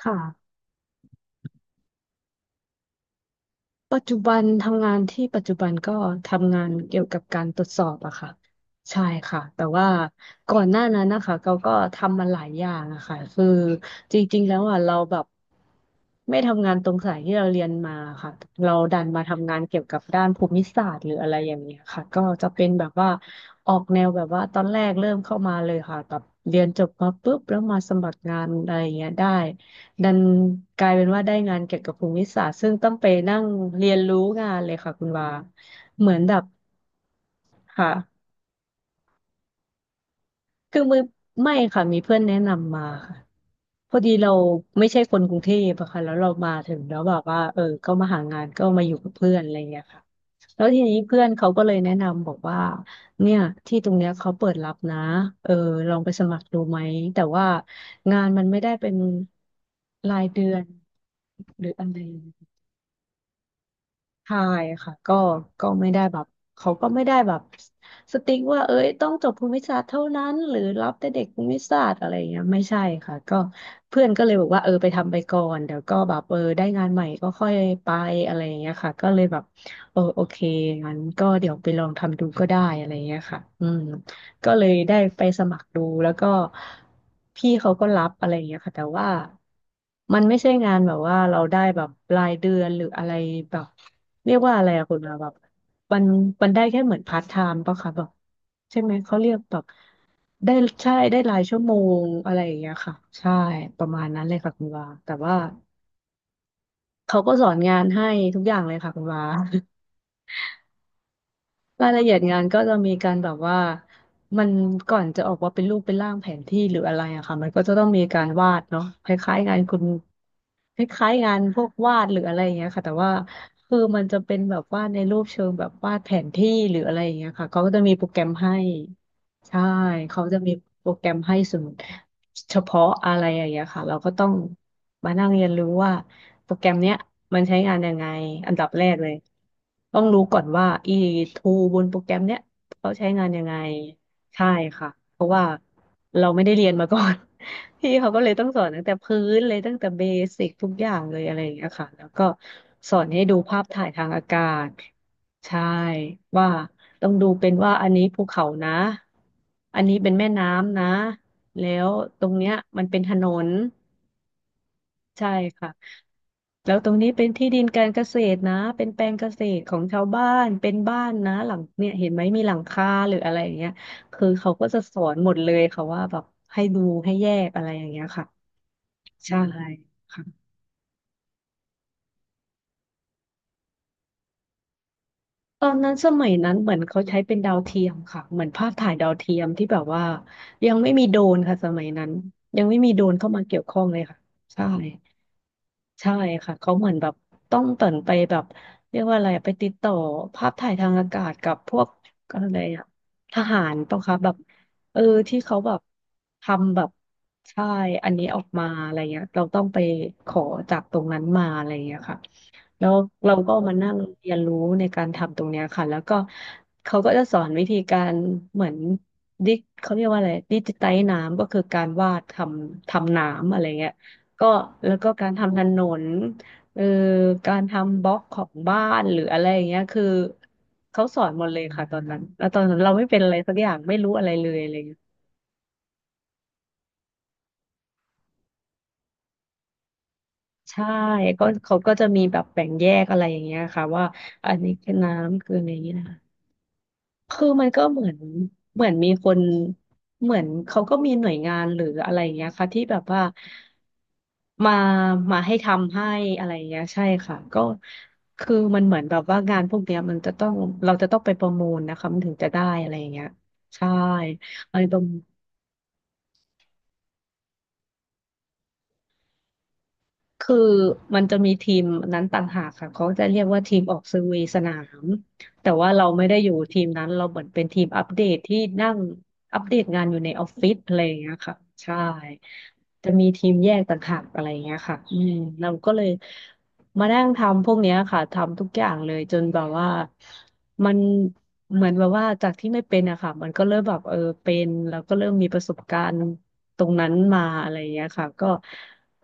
ค่ะปัจจุบันทำงานที่ปัจจุบันก็ทำงานเกี่ยวกับการตรวจสอบอะค่ะใช่ค่ะแต่ว่าก่อนหน้านั้นนะคะเขาก็ทำมาหลายอย่างอะค่ะคือจริงๆแล้วอะเราแบบไม่ทำงานตรงสายที่เราเรียนมาค่ะเราดันมาทำงานเกี่ยวกับด้านภูมิศาสตร์หรืออะไรอย่างเงี้ยค่ะก็จะเป็นแบบว่าออกแนวแบบว่าตอนแรกเริ่มเข้ามาเลยค่ะแบบเรียนจบมาปุ๊บแล้วมาสมัครงานอะไรอย่างเงี้ยได้ ดันกลายเป็นว่าได้งานเกี่ยวกับภูมิศาสตร์ซึ่งต้องไปนั่งเรียนรู้งานเลยค่ะคุณวาเหมือนแบบค่ะคือมือไม่ค่ะมีเพื่อนแนะนำมาค่ะพอดีเราไม่ใช่คนกรุงเทพอะค่ะแล้วเรามาถึงแล้วแบบว่าเออก็มาหางานก็มาอยู่กับเพื่อนอะไรอย่างเงี้ยค่ะแล้วทีนี้เพื่อนเขาก็เลยแนะนำบอกว่าเนี่ยที่ตรงเนี้ยเขาเปิดรับนะเออลองไปสมัครดูไหมแต่ว่างานมันไม่ได้เป็นรายเดือนหรืออะไร ใช่ค่ะก็ไม่ได้แบบเขาก็ไม่ได้แบบสติ๊กว่าเอ้ยต้องจบภูมิศาสตร์เท่านั้นหรือรับแต่เด็กภูมิศาสตร์อะไรอย่างเงี้ยไม่ใช่ค่ะก็เพื่อนก็เลยบอกว่าเออไปทำไปก่อนเดี๋ยวก็แบบเออได้งานใหม่ก็ค่อยไปอะไรอย่างเงี้ยค่ะก็เลยแบบเออโอเคงั้นก็เดี๋ยวไปลองทำดูก็ได้อะไรอย่างเงี้ยค่ะอืม ก็เลยได้ไปสมัครดูแล้วก็พี่เขาก็รับอะไรอย่างเงี้ยค่ะแต่ว่ามันไม่ใช่งานแบบว่าเราได้แบบรายเดือนหรืออะไรแบบเรียกว่าอะไรอะคุณอาแบบมันมันได้แค่เหมือนพาร์ทไทม์ป่ะคะแบบใช่ไหมเขาเรียกแบบได้ใช่ได้รายชั่วโมงอะไรอย่างเงี้ยค่ะใช่ประมาณนั้นเลยค่ะคุณวาแต่ว่าเขาก็สอนงานให้ทุกอย่างเลยค่ะคุณวา รายละเอียดงานก็จะมีการแบบว่ามันก่อนจะออกว่าเป็นรูปเป็นร่างแผนที่หรืออะไรอะค่ะมันก็จะต้องมีการวาดเนาะคล้ายๆงานคุณ คล้ายๆงานพวกวาดหรืออะไรอย่างเงี้ยค่ะแต่ว่าคือมันจะเป็นแบบวาในรูปเชิงแบบวาดแผนที่หรืออะไรอย่างเงี้ยค่ะเขาก็จะมีโปรแกรมให้ใช่เขาจะมีโปรแกรมให้สมมติเฉพาะอะไรอย่างเงี้ยค่ะเราก็ต้องมานั่งเรียนรู้ว่าโปรแกรมเนี้ยมันใช้งานยังไงอันดับแรกเลยต้องรู้ก่อนว่าอีทูบนโปรแกรมเนี้ยเขาใช้งานยังไงใช่ค่ะ เราไม่ได้เรียนมาก่อน พี่เขาก็เลยต้องสอนตั้งแต่พื้นเลยตั้งแต่เบสิกทุกอย่างเลยอะไรอย่างเงี้ยค่ะ แล้วก็สอนให้ดูภาพถ่ายทางอากาศใช่ว่าต้องดูเป็นว่าอันนี้ภูเขานะ อันนี้เป็นแม่น้ำนะ แล้วตรงเนี้ยมันเป็นถนนใช่ค่ะ แล้วตรงนี้เป็นที่ดินการเกษตรนะเป็นแปลงเกษตรของชาวบ้านเป็นบ้านนะหลังเนี่ยเห็นไหมมีหลังคาหรืออะไรอย่างเงี้ยคือเขาก็จะสอนหมดเลยค่ะว่าแบบให้ดูให้แยกอะไรอย่างเงี้ยค่ะใช่ค่ะตอนนั้นสมัยนั้นเหมือนเขาใช้เป็นดาวเทียมค่ะเหมือนภาพถ่ายดาวเทียมที่แบบว่ายังไม่มีโดรนค่ะสมัยนั้นยังไม่มีโดรนเข้ามาเกี่ยวข้องเลยค่ะใช่ ใช่ค่ะเขาเหมือนแบบต้องเติ่นไปแบบเรียกว่าอะไรอะไปติดต่อภาพถ่ายทางอากาศกับพวกอะไรอะทหารปะคะแบบเออที่เขาแบบทำแบบใช่อันนี้ออกมาอะไรเงี้ยเราต้องไปขอจากตรงนั้นมาอะไรเงี้ยค่ะ แล้วเราก็มานั่งเรียนรู้ในการทำตรงเนี้ยค่ะแล้วก็เขาก็จะสอนวิธีการเหมือนดิเขาเรียกว่าอะไรดิจิไตน้ำก็คือการวาดทำน้ำอะไรเงี้ยก็แล้วก็การทำถนนเออการทำบล็อกของบ้านหรืออะไรอย่างเงี้ยคือเขาสอนหมดเลยค่ะตอนนั้นแล้วตอนนั้นเราไม่เป็นอะไรสักอย่างไม่รู้อะไรเลยอะไรเงี้ยใช่ก็เขาก็จะมีแบบแบ่งแยกอะไรอย่างเงี้ยค่ะว่าอันนี้คือน้ำคืออันนี้นะ คือมันก็เหมือนเหมือนมีคนเหมือนเขาก็มีหน่วยงานหรืออะไรอย่างเงี้ยค่ะที่แบบว่ามามาให้ทำให้อะไรอย่างเงี้ยใช่ค่ะก็คือมันเหมือนแบบว่างานพวกเนี้ยมันจะต้องเราจะต้องไปประมูลนะคะมันถึงจะได้อะไรอย่างเงี้ยใช่ไปประมูล คือมันจะมีทีมนั้นต่างหากค่ะเขาจะเรียกว่าทีมออกเซอร์เวย์สนามแต่ว่าเราไม่ได้อยู่ทีมนั้นเราเหมือนเป็นทีมอัปเดตที่นั่งอัปเดตงานอยู่ในออฟฟิศอะไรอย่างเงี้ยค่ะใช่ งี้ยค่ะอืมเราก็เลยมานั่งทำพวกเนี้ยค่ะทำทุกอย่างเลยจนแบบว่ามันเหมือนแบบว่าจากที่ไม่เป็นอะค่ะมันก็เริ่มแบบเออเป็นแล้วก็เริ่มมีประสบการณ์ตรงนั้นมาอะไรอย่างเงี้ยค่ะก็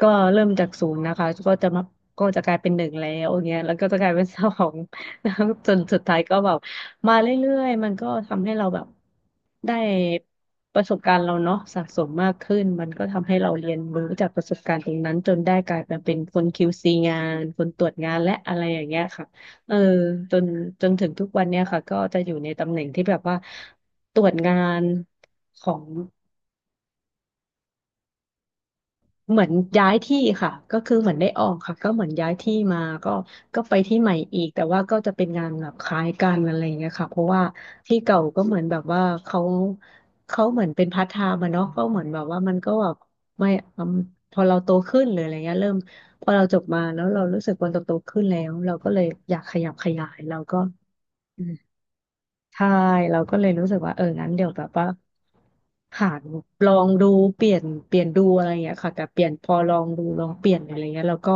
ก็เริ่มจากศูนย์นะคะก็จะมาก็จะกลายเป็นหนึ่งแล้วอย่างเงี้ยแล้วก็จะกลายเป็น สอง แล้วจนสุดท้ายก็แบบมาเรื่อยๆมันก็ทำให้เราแบบได้ประสบการณ์เราเนาะสะสมมากขึ้นมันก็ทำให้เราเรียนรู้จากประสบการณ์ตรงนั้นจนได้กลายมาเป็นคน QC งานคนตรวจงานและอะไรอย่างเงี้ยค่ะเออจนจนถึงทุกวันเนี้ยค่ะก็จะอยู่ในตำแหน่งที่แบบว่าตรวจงานของ เหมือนย้ายที่ค่ะก็คือเหมือนได้ออกค่ะก็เหมือนย้ายที่มาก็ก็ไปที่ใหม่อีกแต่ว่าก็จะเป็นงานแบบคล้ายกันอะไรอย่างเงี้ยค่ะเพราะว่าที่เก่าก็เหมือนแบบว่าเขาเหมือนเป็นพาร์ทไทม์อะเนาะก็เหมือนแบบว่ามันก็แบบไม่อืมพอเราโตขึ้นหรืออะไรเงี้ยเริ่มพอเราจบมาแล้วเรารู้สึกว่าเราโตขึ้นแล้วเราก็เลยอยากขยับขยายเราก็ ใช่เราก็เลยรู้สึกว่าเอองั้นเดี๋ยวแบบว่าหาลองดูเปลี่ยนดูอะไรอย่างเงี้ยค่ะแต่เปลี่ยนพอลองดูลองเปลี่ยนอะไรเงี้ยแล้วก็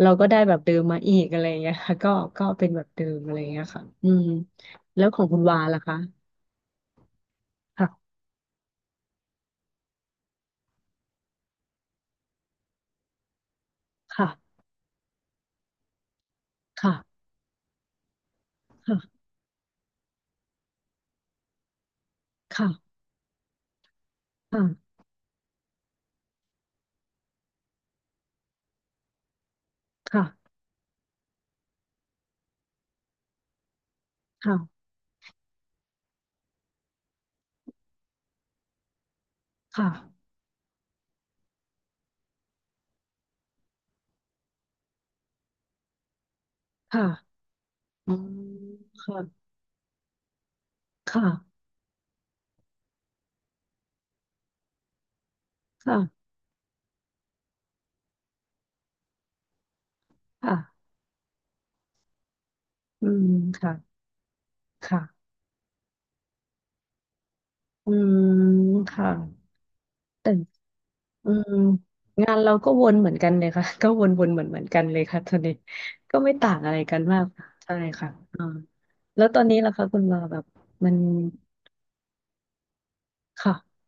เราก็ได้แบบเดิมมาอีกอะไรเงี้ยค่ะก็ก็เป็นแบบเดิมอะไรเงี้ยค่ะอืมแล้วของคุณวาล่ะคะค่ะค่ะค่ะค่ะค่ะค่ะค่ะค่ะค่ะค่ะอืมค่ะค่ะค่ะค่ะอืมค่ะค่ะอืมค่ะแต่ อืมงานเราก็วนเหมือนกันเลยค่ะ ก็วนๆเหมือนกันเลยค่ะตอนนี้ก็ไม่ต่างอะไรกันมากค่ะใช่ค่ะอ่าแล้วตอนนี้ล่ะคะคุณวาแบบมันค่ะ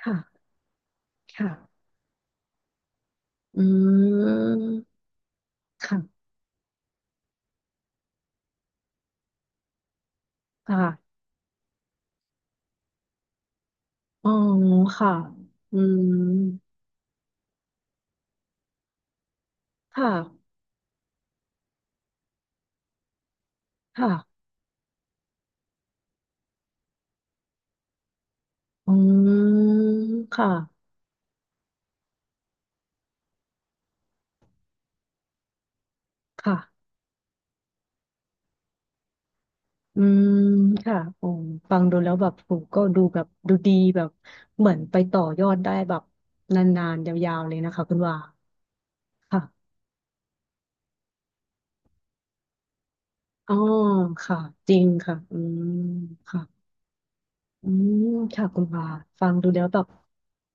ค่ะค่ะอืมค่ะค่ะอ๋อค่ะอืมค่ะค่ะอืมค่ะค่ะ อืม ค่ะโอ้ฟังดูแล้วแบบโอ้ก็ดูแบบดูดีแบบเหมือนไปต่อยอดได้แบบนานๆยาวๆเลยนะคะคุณว่าค่ะ อ๋อ ค่ะ จริงค่ะ อืม ค่ะ อืมค่ะคุณวาฟังดูแล้วแบบ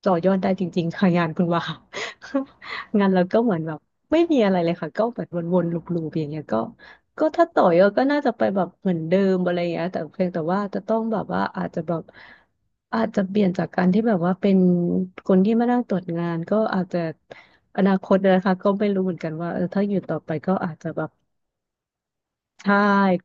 ต่อยอดได้จริงๆค่ะงานคุณวา งานเราก็เหมือนแบบไม่มีอะไรเลยค่ะก็แบบวนๆลูปๆอย่างเงี้ยก็ก็ถ้าต่อยอดก็น่าจะไปแบบเหมือนเดิมอะไรอย่างเงี้ยแต่เพียงแต่ว่าจะต้องแบบว่าอาจจะเปลี่ยนจากการที่แบบว่าเป็นคนที่มานั่งตรวจงานก็อาจจะอนาคตนะคะก็ไม่รู้เหมือนกันว่าเออถ้าอยู่ต่อไปก็อาจจะแบบ ใช่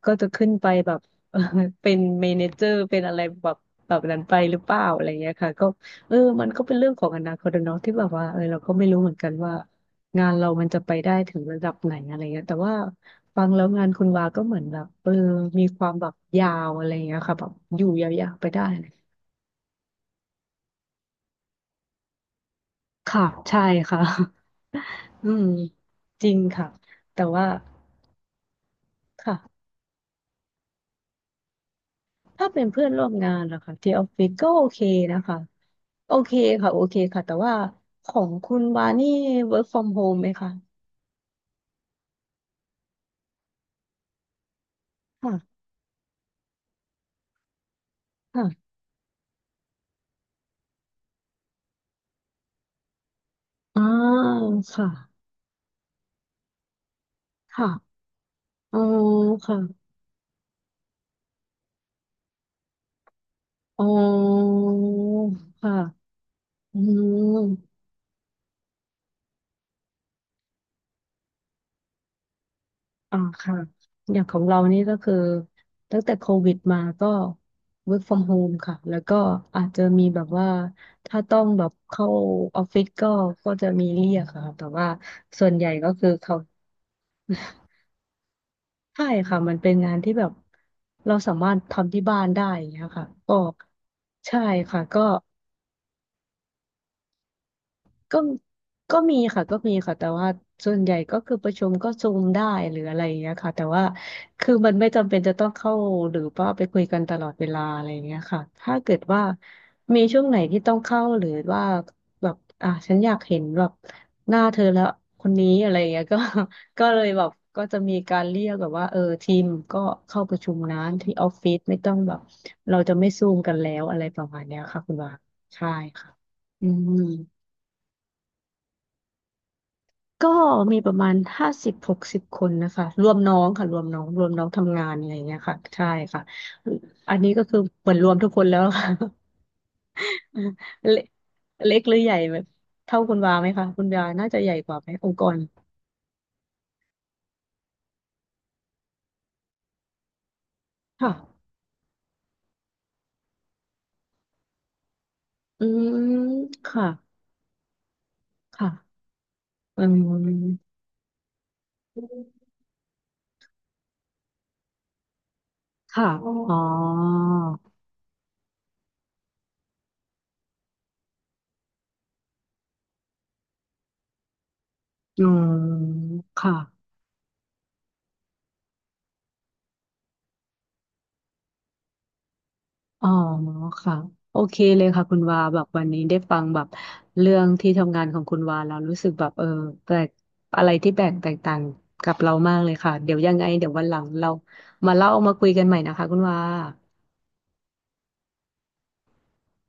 ก็จะขึ้นไปแบบ เออเป็นเมเนเจอร์เป็นอะไรแบบแบบนั้นไปหรือเปล่าอะไรเงี้ยค่ะก็เออมันก็เป็นเรื่องของอนาคตอะเนาะที่แบบว่าเออเราก็ไม่รู้เหมือนกันว่างานเรามันจะไปได้ถึงระดับไหนอะไรเงี้ยแต่ว่าฟังแล้วงานคุณวาก็เหมือนแบบเออมีความแบบยาวอะไรเงี้ยค่ะแบบอยู่ยาวๆไปได้ค่ะใช่ค่ะ อืมจริงค่ะแต่ว่าค่ะถ้าเป็นเพื่อนร่วมงานนะคะที่ออฟฟิศก็โอเคนะคะ โอเคค่ะโอเคค่ะแต่ว่าของคุณวานี่ work from home ไหมคะค่ะค่ะอ่าค่ะค่ะอ๋อค่ะอ๋อค่ะอืมอ่าค่ะอย่างของเรานี่ก็คือตั้งแต่โควิดมาก็ work from home ค่ะแล้วก็อาจจะมีแบบว่าถ้าต้องแบบเข้าออฟฟิศก็ก็จะมีเรียกค่ะแต่ว่าส่วนใหญ่ก็คือเขา ใช่ค่ะมันเป็นงานที่แบบเราสามารถทำที่บ้านได้อย่างเงี้ยค่ะก็ใช่ค่ะก็ ก็ก็มีค่ะ ก็มีค่ะ แต่ว่าส่วนใหญ่ก็คือประชุมก็ซูมได้หรืออะไรอย่างเงี้ยค่ะแต่ว่าคือมันไม่จำเป็นจะต้องเข้าหรือว่าไปคุยกันตลอดเวลาอะไรอย่างเงี้ยค่ะถ้าเกิดว่ามีช่วงไหนที่ต้องเข้าหรือว่าแบบอ่ะฉันอยากเห็นแบบหน้าเธอแล้วคนนี้อะไรอย่างเงี้ยก็ ก็เลยแบบก็จะมีการเรียกแบบว่าเออทีมก็เข้าประชุมนะที่ออฟฟิศไม่ต้องแบบเราจะไม่ซูมกันแล้วอะไรประมาณเนี้ยค่ะคุณว่าใช่ค่ะอืม ก็มีประมาณ50-60คนนะคะรวมน้องค่ะรวมน้องรวมน้องทำงานอะไรอย่างเงี้ยค่ะใช่ค่ะอันนี้ก็คือเหมือนรวมทุกคนแล้วค่ะ เล็กเล็กหรือใหญ่แบบเท่าคุณวาไหมคะคุณวาน่าจะใหญ่กว่าไหมองค์กรค่ะอืมค่ะค่ะอืมค่ะอ๋ออืมค่ะ อ๋อค่ะโอเคเลยค่ะคุณวาแบบวันนี้ได้ฟังแบบเรื่องที่ทำงานของคุณวาแล้วรู้สึกแบบเออแปลกอะไรที่แปลกแตกต่างกับเรามากเลยค่ะเดี๋ยวยังไงเดี๋ยววันหลังเรามาเล่ามาคุยกันใหม่นะคะคุณวา